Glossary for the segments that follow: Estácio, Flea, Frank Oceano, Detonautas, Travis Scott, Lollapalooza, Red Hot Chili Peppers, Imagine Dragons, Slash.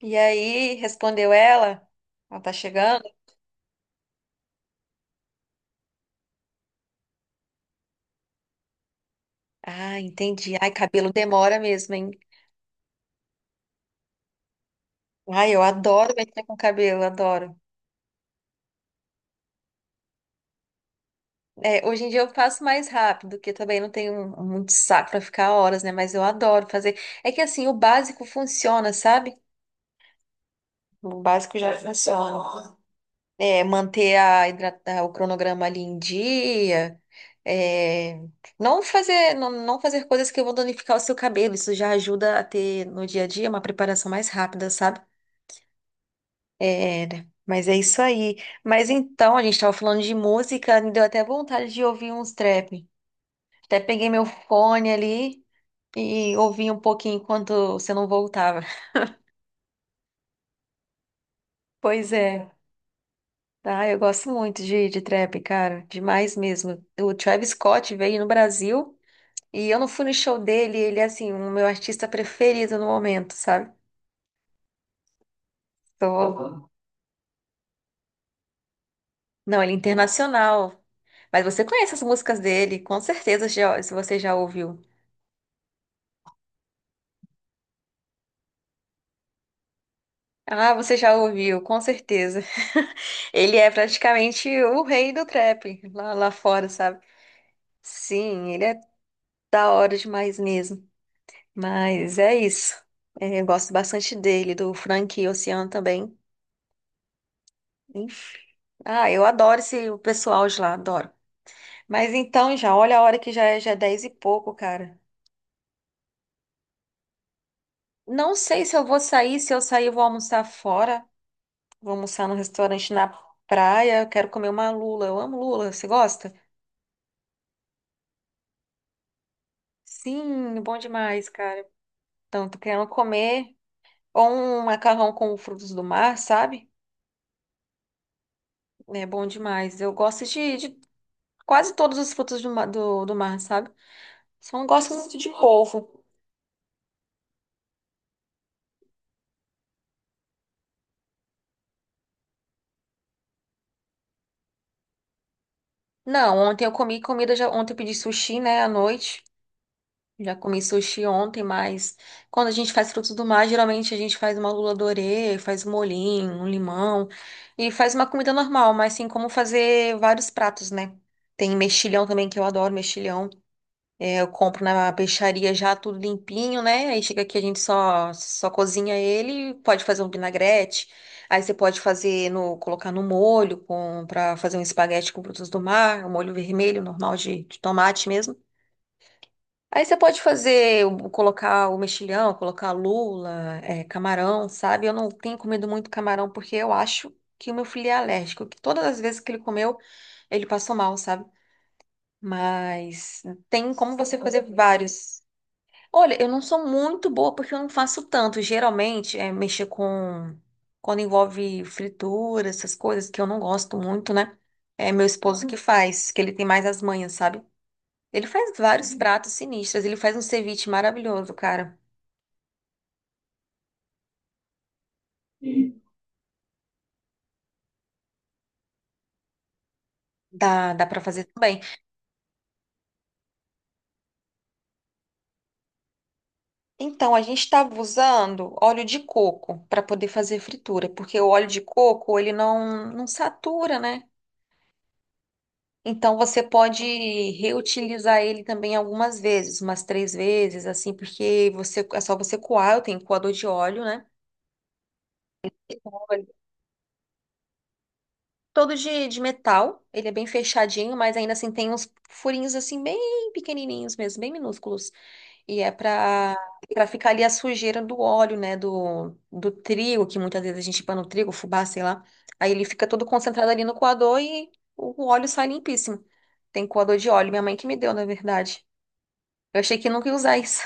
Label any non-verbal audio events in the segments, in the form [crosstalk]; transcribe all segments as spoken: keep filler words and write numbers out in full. E aí, respondeu ela, ela tá chegando? Ah, entendi. Ai, cabelo demora mesmo, hein? Ai, eu adoro mexer com cabelo, adoro. É, hoje em dia eu faço mais rápido, porque também não tenho muito saco pra ficar horas, né? Mas eu adoro fazer. É que assim, o básico funciona, sabe? O básico já funciona. É, manter a hidrata- o cronograma ali em dia, é, não fazer, não, não fazer coisas que vão danificar o seu cabelo. Isso já ajuda a ter no dia a dia uma preparação mais rápida, sabe? É, né? Mas é isso aí. Mas então, a gente estava falando de música, me deu até vontade de ouvir uns trap. Até peguei meu fone ali e ouvi um pouquinho enquanto você não voltava. [laughs] Pois é. Ah, eu gosto muito de, de trap, cara. Demais mesmo. O Travis Scott veio no Brasil. E eu não fui no show dele, ele é assim, o meu artista preferido no momento, sabe? Tô... Aham. Não, ele é internacional. Mas você conhece as músicas dele, com certeza já, se você já ouviu. Ah, você já ouviu, com certeza. [laughs] Ele é praticamente o rei do trap lá, lá fora, sabe? Sim, ele é da hora demais mesmo. Mas é isso. É, eu gosto bastante dele, do Frank Oceano também. Enfim. Ah, eu adoro esse o pessoal de lá, adoro. Mas então já, olha a hora que já é, já é dez e pouco, cara. Não sei se eu vou sair, se eu sair, eu vou almoçar fora. Vou almoçar no restaurante na praia. Eu quero comer uma lula. Eu amo lula. Você gosta? Sim, bom demais, cara. Então, tô querendo comer ou um macarrão com frutos do mar, sabe? É bom demais. Eu gosto de, de quase todos os frutos do, ma- do, do mar, sabe? Só não gosto muito de polvo. Não, ontem eu comi comida, já, ontem eu pedi sushi, né, à noite. Já comi sushi ontem, mas quando a gente faz frutos do mar, geralmente a gente faz uma lula dorê, faz molhinho, um limão e faz uma comida normal, mas tem como fazer vários pratos, né? Tem mexilhão também, que eu adoro mexilhão. É, eu compro na peixaria já tudo limpinho, né? Aí chega aqui a gente só só cozinha ele, pode fazer um vinagrete. Aí você pode fazer no colocar no molho com para fazer um espaguete com frutos do mar, um molho vermelho normal de de tomate mesmo. Aí você pode fazer, o- colocar o mexilhão, colocar lula, é, camarão, sabe? Eu não tenho comido muito camarão porque eu acho que o meu filho é alérgico, que todas as vezes que ele comeu, ele passou mal, sabe? Mas tem como você fazer vários. Olha, eu não sou muito boa porque eu não faço tanto. Geralmente é mexer com. Quando envolve fritura, essas coisas que eu não gosto muito, né? É meu esposo que faz, que ele tem mais as manhas, sabe? Ele faz vários pratos sinistros. Ele faz um ceviche maravilhoso, cara. Dá, dá para fazer também. Então, a gente estava usando óleo de coco para poder fazer fritura, porque o óleo de coco, ele não, não satura, né? Então, você pode reutilizar ele também algumas vezes, umas três vezes, assim, porque você, é só você coar. Eu tenho coador de óleo, né? Olha. Todo de, de metal. Ele é bem fechadinho, mas ainda assim tem uns furinhos, assim, bem pequenininhos mesmo, bem minúsculos. E é para para ficar ali a sujeira do óleo, né? Do, do trigo, que muitas vezes a gente põe no trigo, fubá, sei lá. Aí ele fica todo concentrado ali no coador e o óleo sai limpíssimo. Tem coador de óleo, minha mãe que me deu, na verdade. Eu achei que nunca ia usar isso.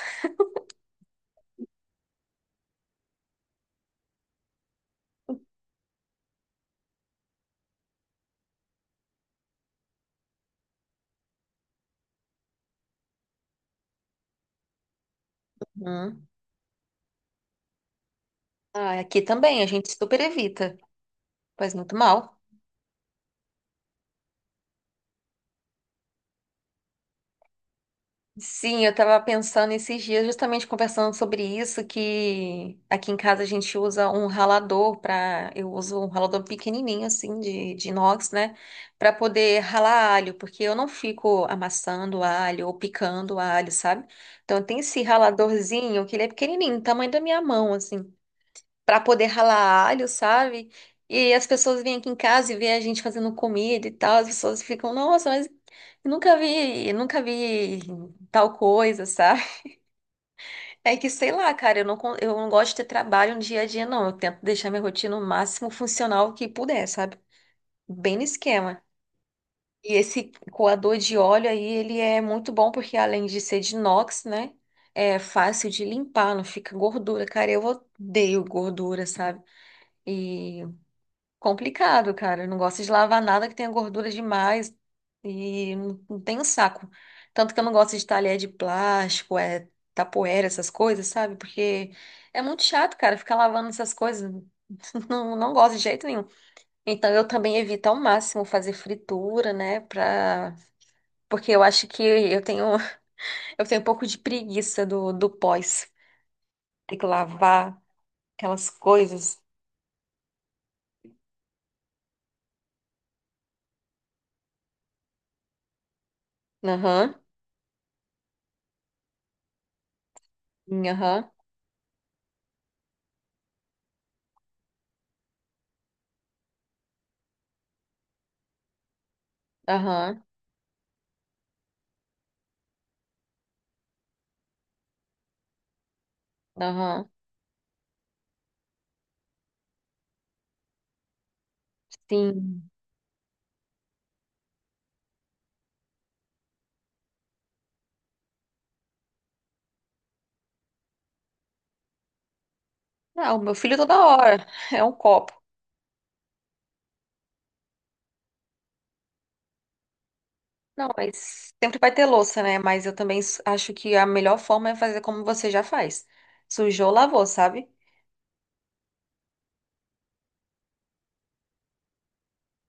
Hum. Ah, aqui também, a gente super evita. Faz muito mal. Sim, eu estava pensando esses dias, justamente conversando sobre isso, que aqui em casa a gente usa um ralador para, eu uso um ralador pequenininho assim de, de inox, né, para poder ralar alho, porque eu não fico amassando alho ou picando alho, sabe? Então tem esse raladorzinho que ele é pequenininho, tamanho da minha mão assim para poder ralar alho, sabe? E as pessoas vêm aqui em casa e vê a gente fazendo comida e tal, as pessoas ficam, nossa, mas eu nunca vi, eu nunca vi tal coisa, sabe? [laughs] É que sei lá, cara, eu não, con- eu não gosto de ter trabalho no dia a dia, não. Eu tento deixar minha rotina o máximo funcional que puder, sabe? Bem no esquema. E esse coador de óleo aí, ele é muito bom porque além de ser de inox, né? É fácil de limpar, não fica gordura. Cara, eu odeio gordura, sabe? E Complicado, cara. Eu não gosto de lavar nada que tenha gordura demais e não não tenho saco. Tanto que eu não gosto de talher de plástico, é tapoeira, essas coisas, sabe? Porque é muito chato, cara, ficar lavando essas coisas. [laughs] Não, não gosto de jeito nenhum. Então eu também evito ao máximo fazer fritura, né? Pra... Porque eu acho que eu tenho, [laughs] eu tenho um pouco de preguiça do, do pós. Ter que lavar aquelas coisas. Aham, aham, aham, aham. Sim. Não, meu filho toda hora é um copo. Não, mas sempre vai ter louça, né? Mas eu também s- acho que a melhor forma é fazer como você já faz. Sujou, lavou, sabe?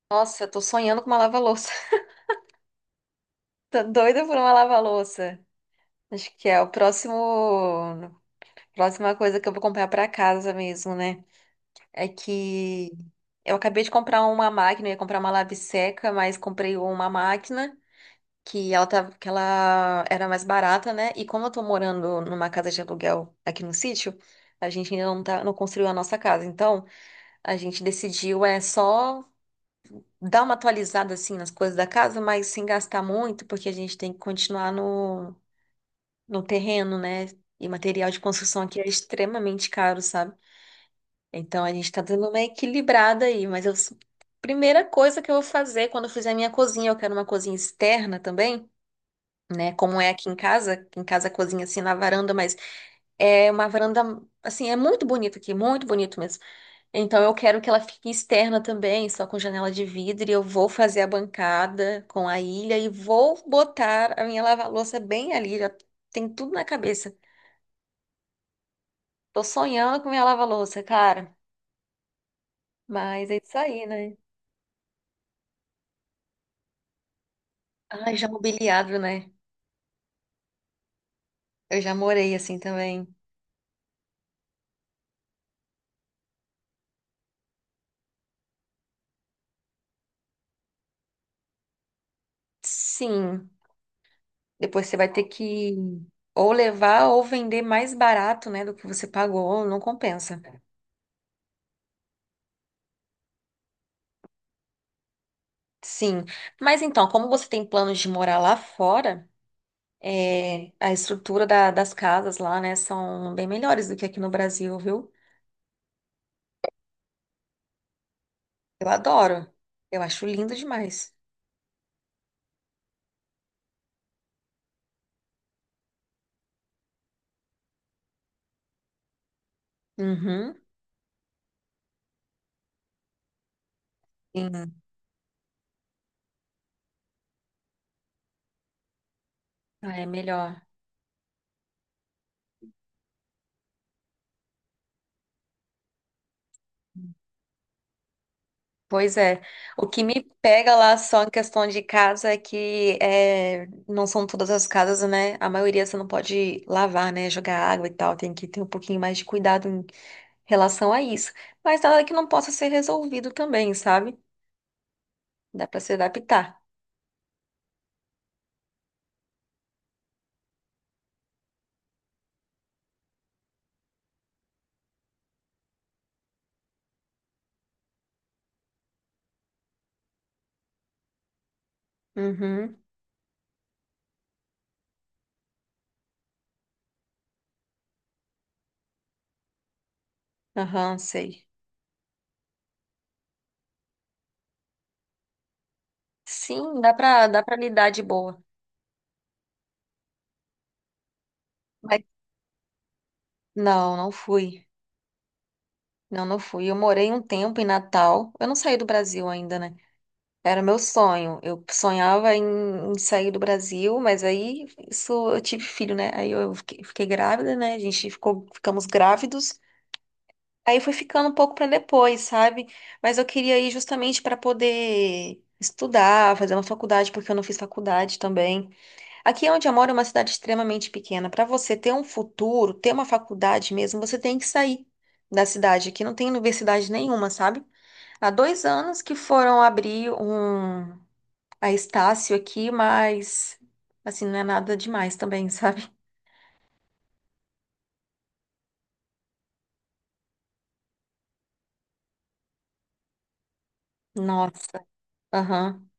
Nossa, eu tô sonhando com uma lava-louça. [laughs] Tô doida por uma lava-louça. Acho que é o próximo, próxima coisa que eu vou comprar pra casa mesmo, né? É que eu acabei de comprar uma máquina, eu ia comprar uma lave-seca, mas comprei uma máquina, que ela tava, que ela era mais barata, né? E como eu tô morando numa casa de aluguel aqui no sítio, a gente ainda não tá, não construiu a nossa casa. Então, a gente decidiu é só dar uma atualizada assim nas coisas da casa, mas sem gastar muito, porque a gente tem que continuar no no terreno, né? E material de construção aqui é extremamente caro, sabe? Então, a gente tá dando uma equilibrada aí. Mas eu Primeira coisa que eu vou fazer quando eu fizer minha cozinha, eu quero uma cozinha externa também, né? Como é aqui em casa, aqui em casa cozinha assim na varanda, mas é uma varanda assim, é muito bonito aqui, muito bonito mesmo. Então eu quero que ela fique externa também, só com janela de vidro, e eu vou fazer a bancada com a ilha e vou botar a minha lava-louça bem ali, já tem tudo na cabeça. Tô sonhando com minha lava-louça, cara. Mas é isso aí, né? Ai, já mobiliado, né? Eu já morei assim também. Sim. Depois você vai ter que ou levar ou vender mais barato, né, do que você pagou, não compensa. Sim. Mas então, como você tem planos de morar lá fora, é, a estrutura da- das casas lá, né, são bem melhores do que aqui no Brasil, viu? Eu adoro. Eu acho lindo demais. Uhum. Sim. Ah, é melhor. Pois é. O que me pega lá só em questão de casa é que é, não são todas as casas, né? A maioria você não pode lavar, né? Jogar água e tal. Tem que ter um pouquinho mais de cuidado em relação a isso. Mas nada que não possa ser resolvido também, sabe? Dá pra se adaptar. Uhum. Aham, sei. Sim, dá pra, dá pra lidar de boa. Mas não, não fui. Não, não fui. Eu morei um tempo em Natal. Eu não saí do Brasil ainda, né? Era meu sonho. Eu sonhava em, em, sair do Brasil, mas aí isso eu tive filho, né? Aí eu fiquei, fiquei grávida, né? A gente ficou, ficamos grávidos. Aí foi ficando um pouco para depois, sabe? Mas eu queria ir justamente para poder estudar, fazer uma faculdade, porque eu não fiz faculdade também. Aqui onde eu moro é uma cidade extremamente pequena. Para você ter um futuro, ter uma faculdade mesmo, você tem que sair da cidade. Aqui não tem universidade nenhuma, sabe? Há dois anos que foram abrir um a Estácio aqui, mas assim, não é nada demais também, [laughs] sabe? Nossa, aham,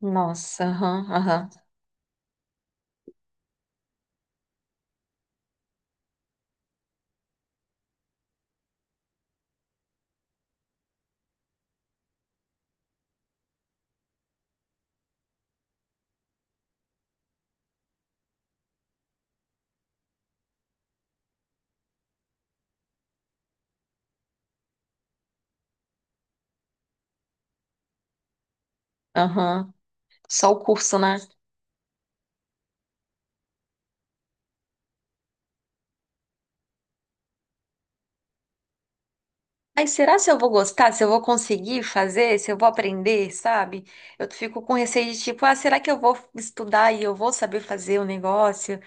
nossa, aham, aham, aham. Só o curso, né? Aí será se eu vou gostar? Se eu vou conseguir fazer? Se eu vou aprender, sabe? Eu fico com receio de tipo, ah, será que eu vou estudar e eu vou saber fazer o negócio?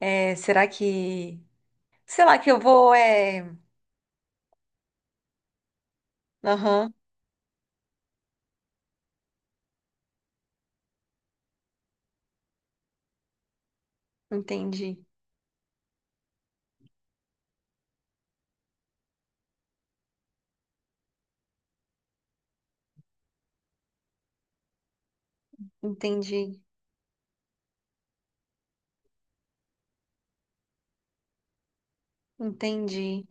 É, será que, sei lá, que eu vou, é, aham, entendi, entendi, entendi.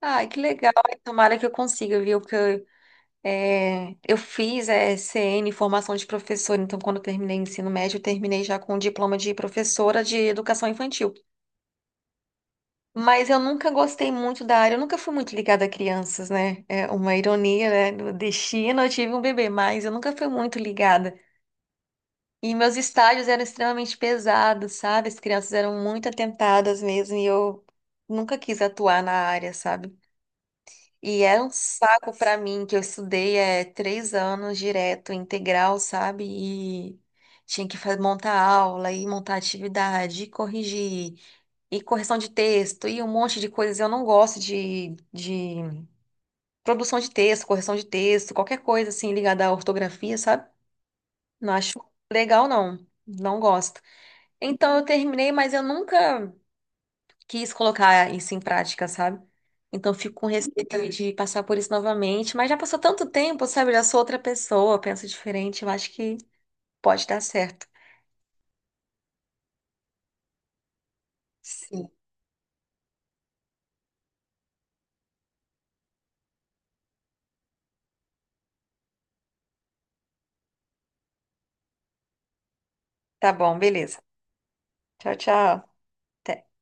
Ai, que legal. Tomara que eu consiga, viu? Porque eu É, eu fiz é, C N, formação de professora, então quando eu terminei o ensino médio, eu terminei já com o diploma de professora de educação infantil. Mas eu nunca gostei muito da área, eu nunca fui muito ligada a crianças, né? É uma ironia, né? No destino eu tive um bebê, mas eu nunca fui muito ligada. E meus estágios eram extremamente pesados, sabe? As crianças eram muito atentadas mesmo e eu nunca quis atuar na área, sabe? E era um saco pra mim, que eu estudei é, três anos direto, integral, sabe? E tinha que fa- montar aula, e montar atividade, e corrigir, e correção de texto, e um monte de coisas. Eu não gosto de, de produção de texto, correção de texto, qualquer coisa assim ligada à ortografia, sabe? Não acho legal, não. Não gosto. Então eu terminei, mas eu nunca quis colocar isso em prática, sabe? Então fico com receio ali de passar por isso novamente, mas já passou tanto tempo, sabe? Eu já sou outra pessoa, penso diferente, eu acho que pode dar certo. Sim. Tá bom, beleza. Tchau, tchau. Até.